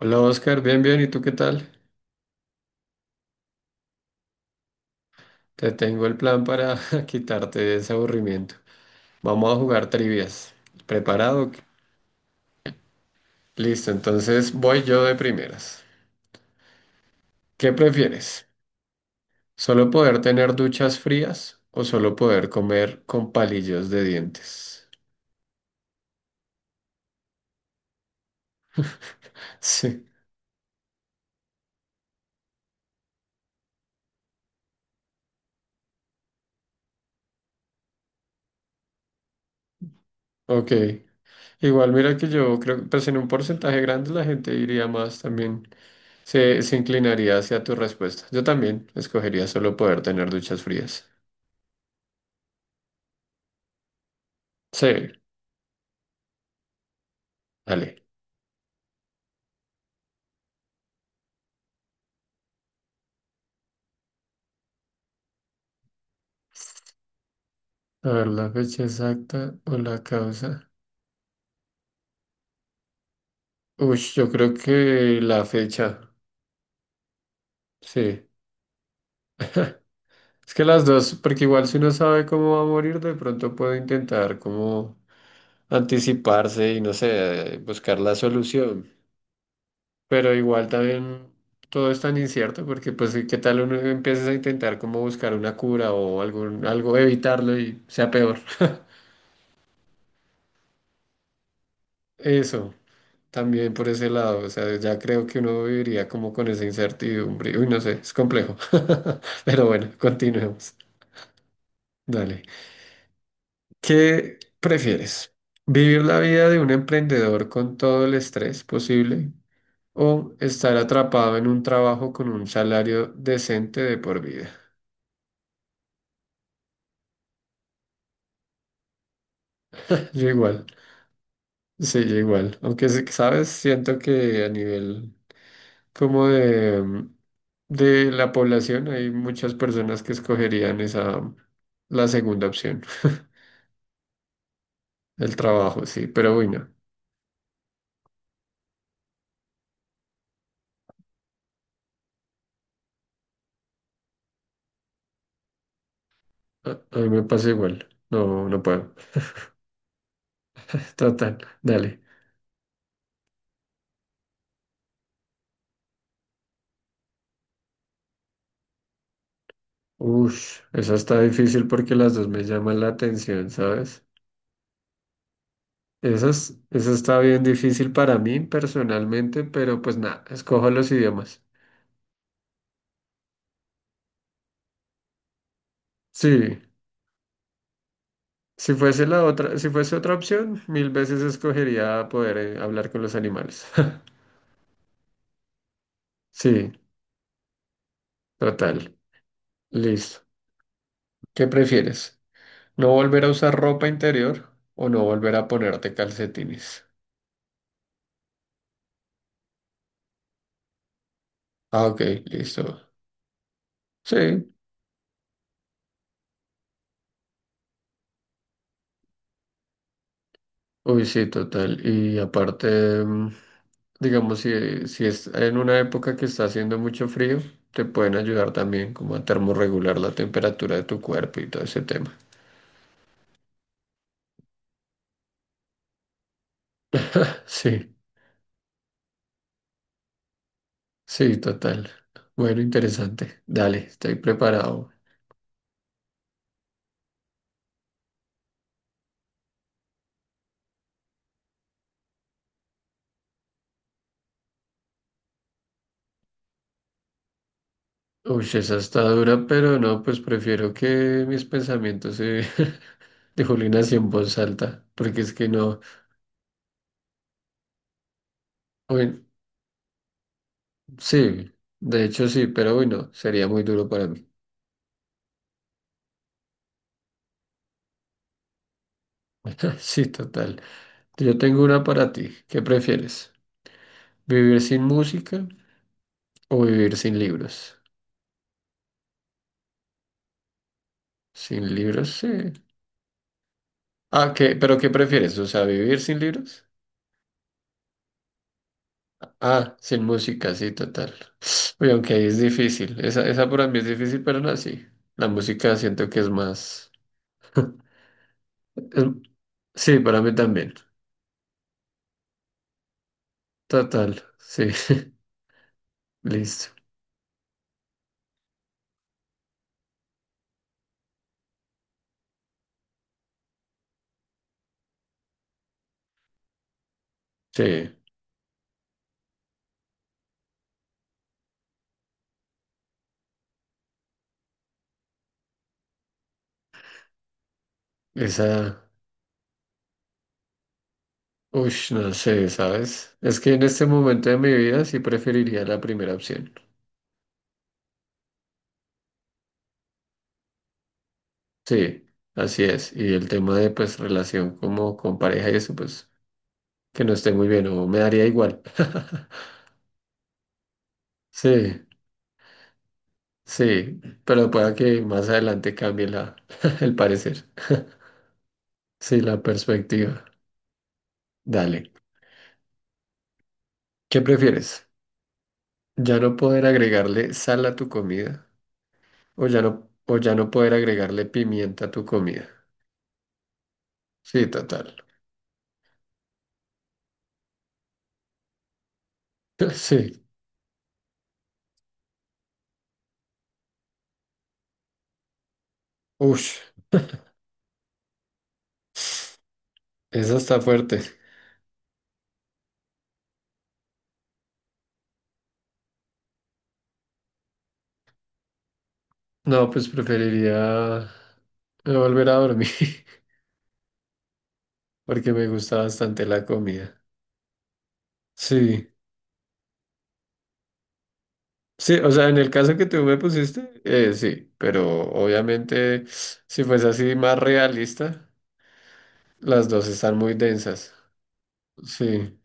Hola Oscar, bien, bien, ¿y tú qué tal? Te tengo el plan para quitarte ese aburrimiento. Vamos a jugar trivias. ¿Preparado? Listo, entonces voy yo de primeras. ¿Qué prefieres? ¿Solo poder tener duchas frías o solo poder comer con palillos de dientes? Sí, ok. Igual mira que yo creo que pues en un porcentaje grande la gente iría más también, se inclinaría hacia tu respuesta. Yo también escogería solo poder tener duchas frías. Sí, dale. A ver, la fecha exacta o la causa. Uy, yo creo que la fecha, sí. Es que las dos, porque igual si uno sabe cómo va a morir, de pronto puede intentar como anticiparse y no sé, buscar la solución. Pero igual también todo es tan incierto porque pues qué tal uno empieza a intentar como buscar una cura o algún, algo, evitarlo y sea peor. Eso. También por ese lado, o sea, ya creo que uno viviría como con esa incertidumbre. Uy, no sé, es complejo. Pero bueno, continuemos. Dale. ¿Qué prefieres? ¿Vivir la vida de un emprendedor con todo el estrés posible o estar atrapado en un trabajo con un salario decente de por vida? Yo igual. Sí, yo igual. Aunque, ¿sabes? Siento que a nivel como de, de la población hay muchas personas que escogerían esa, la segunda opción, el trabajo, sí, pero bueno, a mí me pasa igual. No, no puedo. Total, dale. Ush, esa está difícil porque las dos me llaman la atención, ¿sabes? Esa, esa está bien difícil para mí personalmente, pero pues nada, escojo los idiomas. Sí, si fuese la otra, si fuese otra opción, mil veces escogería poder hablar con los animales. Sí, total. Listo. ¿Qué prefieres? ¿No volver a usar ropa interior o no volver a ponerte calcetines? Ah, ok, listo. Sí. Uy, sí, total. Y aparte, mm, digamos, si es en una época que está haciendo mucho frío, te pueden ayudar también como a termorregular la temperatura de tu cuerpo y todo ese tema. Sí. Sí, total. Bueno, interesante. Dale, estoy preparado. Uy, esa está dura, pero no, pues prefiero que mis pensamientos se dejen así en voz alta, porque es que no. Bueno, sí, de hecho sí, pero bueno, sería muy duro para mí. Sí, total. Yo tengo una para ti. ¿Qué prefieres? ¿Vivir sin música o vivir sin libros? Sin libros, sí. Ah, ¿qué? ¿Pero qué prefieres? O sea, ¿vivir sin libros? Ah, sin música, sí, total. Oye, aunque ahí es difícil. Esa para mí es difícil, pero no, así. La música siento que es más. es- Sí, para mí también. Total, sí. Listo. Sí, esa. Uy, no sé, ¿sabes? Es que en este momento de mi vida sí preferiría la primera opción. Sí, así es. Y el tema de pues relación como con pareja y eso, pues que no esté muy bien o me daría igual. Sí. Sí, pero pueda que más adelante cambie la, el parecer. Sí, la perspectiva. Dale. ¿Qué prefieres? ¿Ya no poder agregarle sal a tu comida? ¿O ya no, o ya no poder agregarle pimienta a tu comida? Sí, total. Sí. Ush. Esa está fuerte. No, pues preferiría no volver a dormir porque me gusta bastante la comida. Sí. Sí, o sea, en el caso que tú me pusiste, sí, pero obviamente si fuese así más realista, las dos están muy densas. Sí,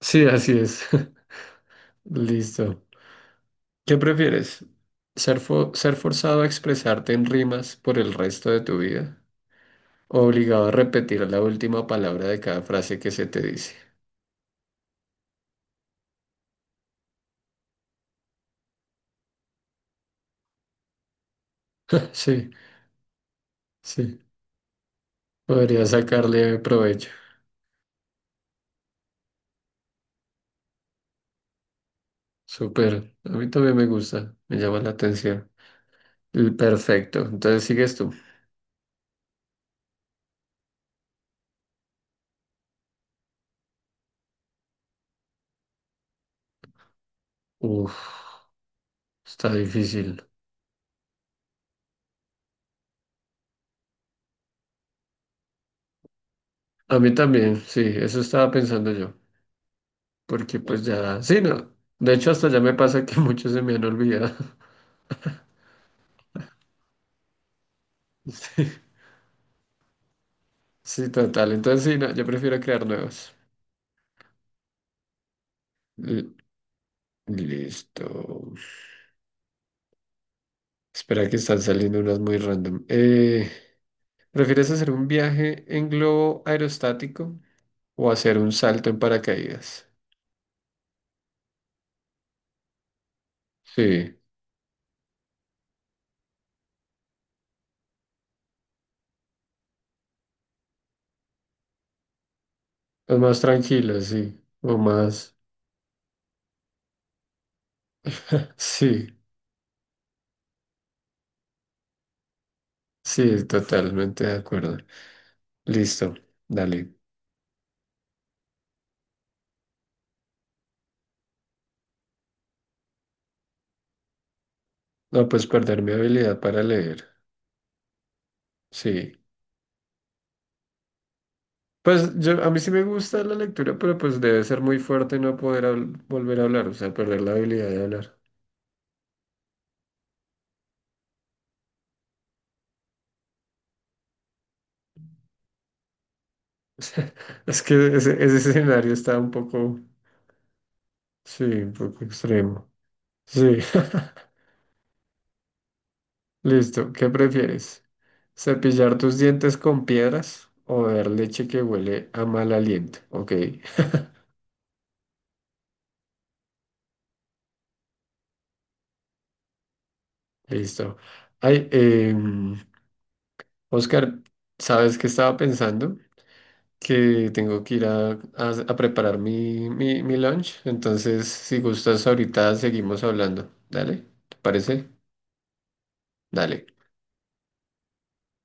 sí, así es. Listo. ¿Qué prefieres? Ser forzado a expresarte en rimas por el resto de tu vida? ¿O obligado a repetir la última palabra de cada frase que se te dice? Sí, sí. Podría sacarle provecho. Súper. A mí también me gusta, me llama la atención. Perfecto. Entonces sigues tú. Uf, está difícil. A mí también, sí, eso estaba pensando yo, porque pues ya, sí, no. De hecho, hasta ya me pasa que muchos se me han olvidado. Sí, sí, total. Entonces, sí, no, yo prefiero crear nuevas. L- Listo. Espera que están saliendo unas muy random. ¿Prefieres hacer un viaje en globo aerostático o hacer un salto en paracaídas? Sí, es más tranquilo, sí, o más. Sí, sí, totalmente de acuerdo. Listo, dale. No, pues perder mi habilidad para leer. Sí. Pues yo, a mí sí me gusta la lectura, pero pues debe ser muy fuerte no poder volver a hablar, o sea, perder la habilidad de hablar. O sea, es que ese escenario está un poco, sí, un poco extremo. Sí. Listo, ¿qué prefieres? ¿Cepillar tus dientes con piedras o beber leche que huele a mal aliento? Ok, listo. Ay, Oscar, ¿sabes qué estaba pensando? Que tengo que ir a, a preparar mi lunch. Entonces, si gustas, ahorita seguimos hablando. Dale, ¿te parece? Dale.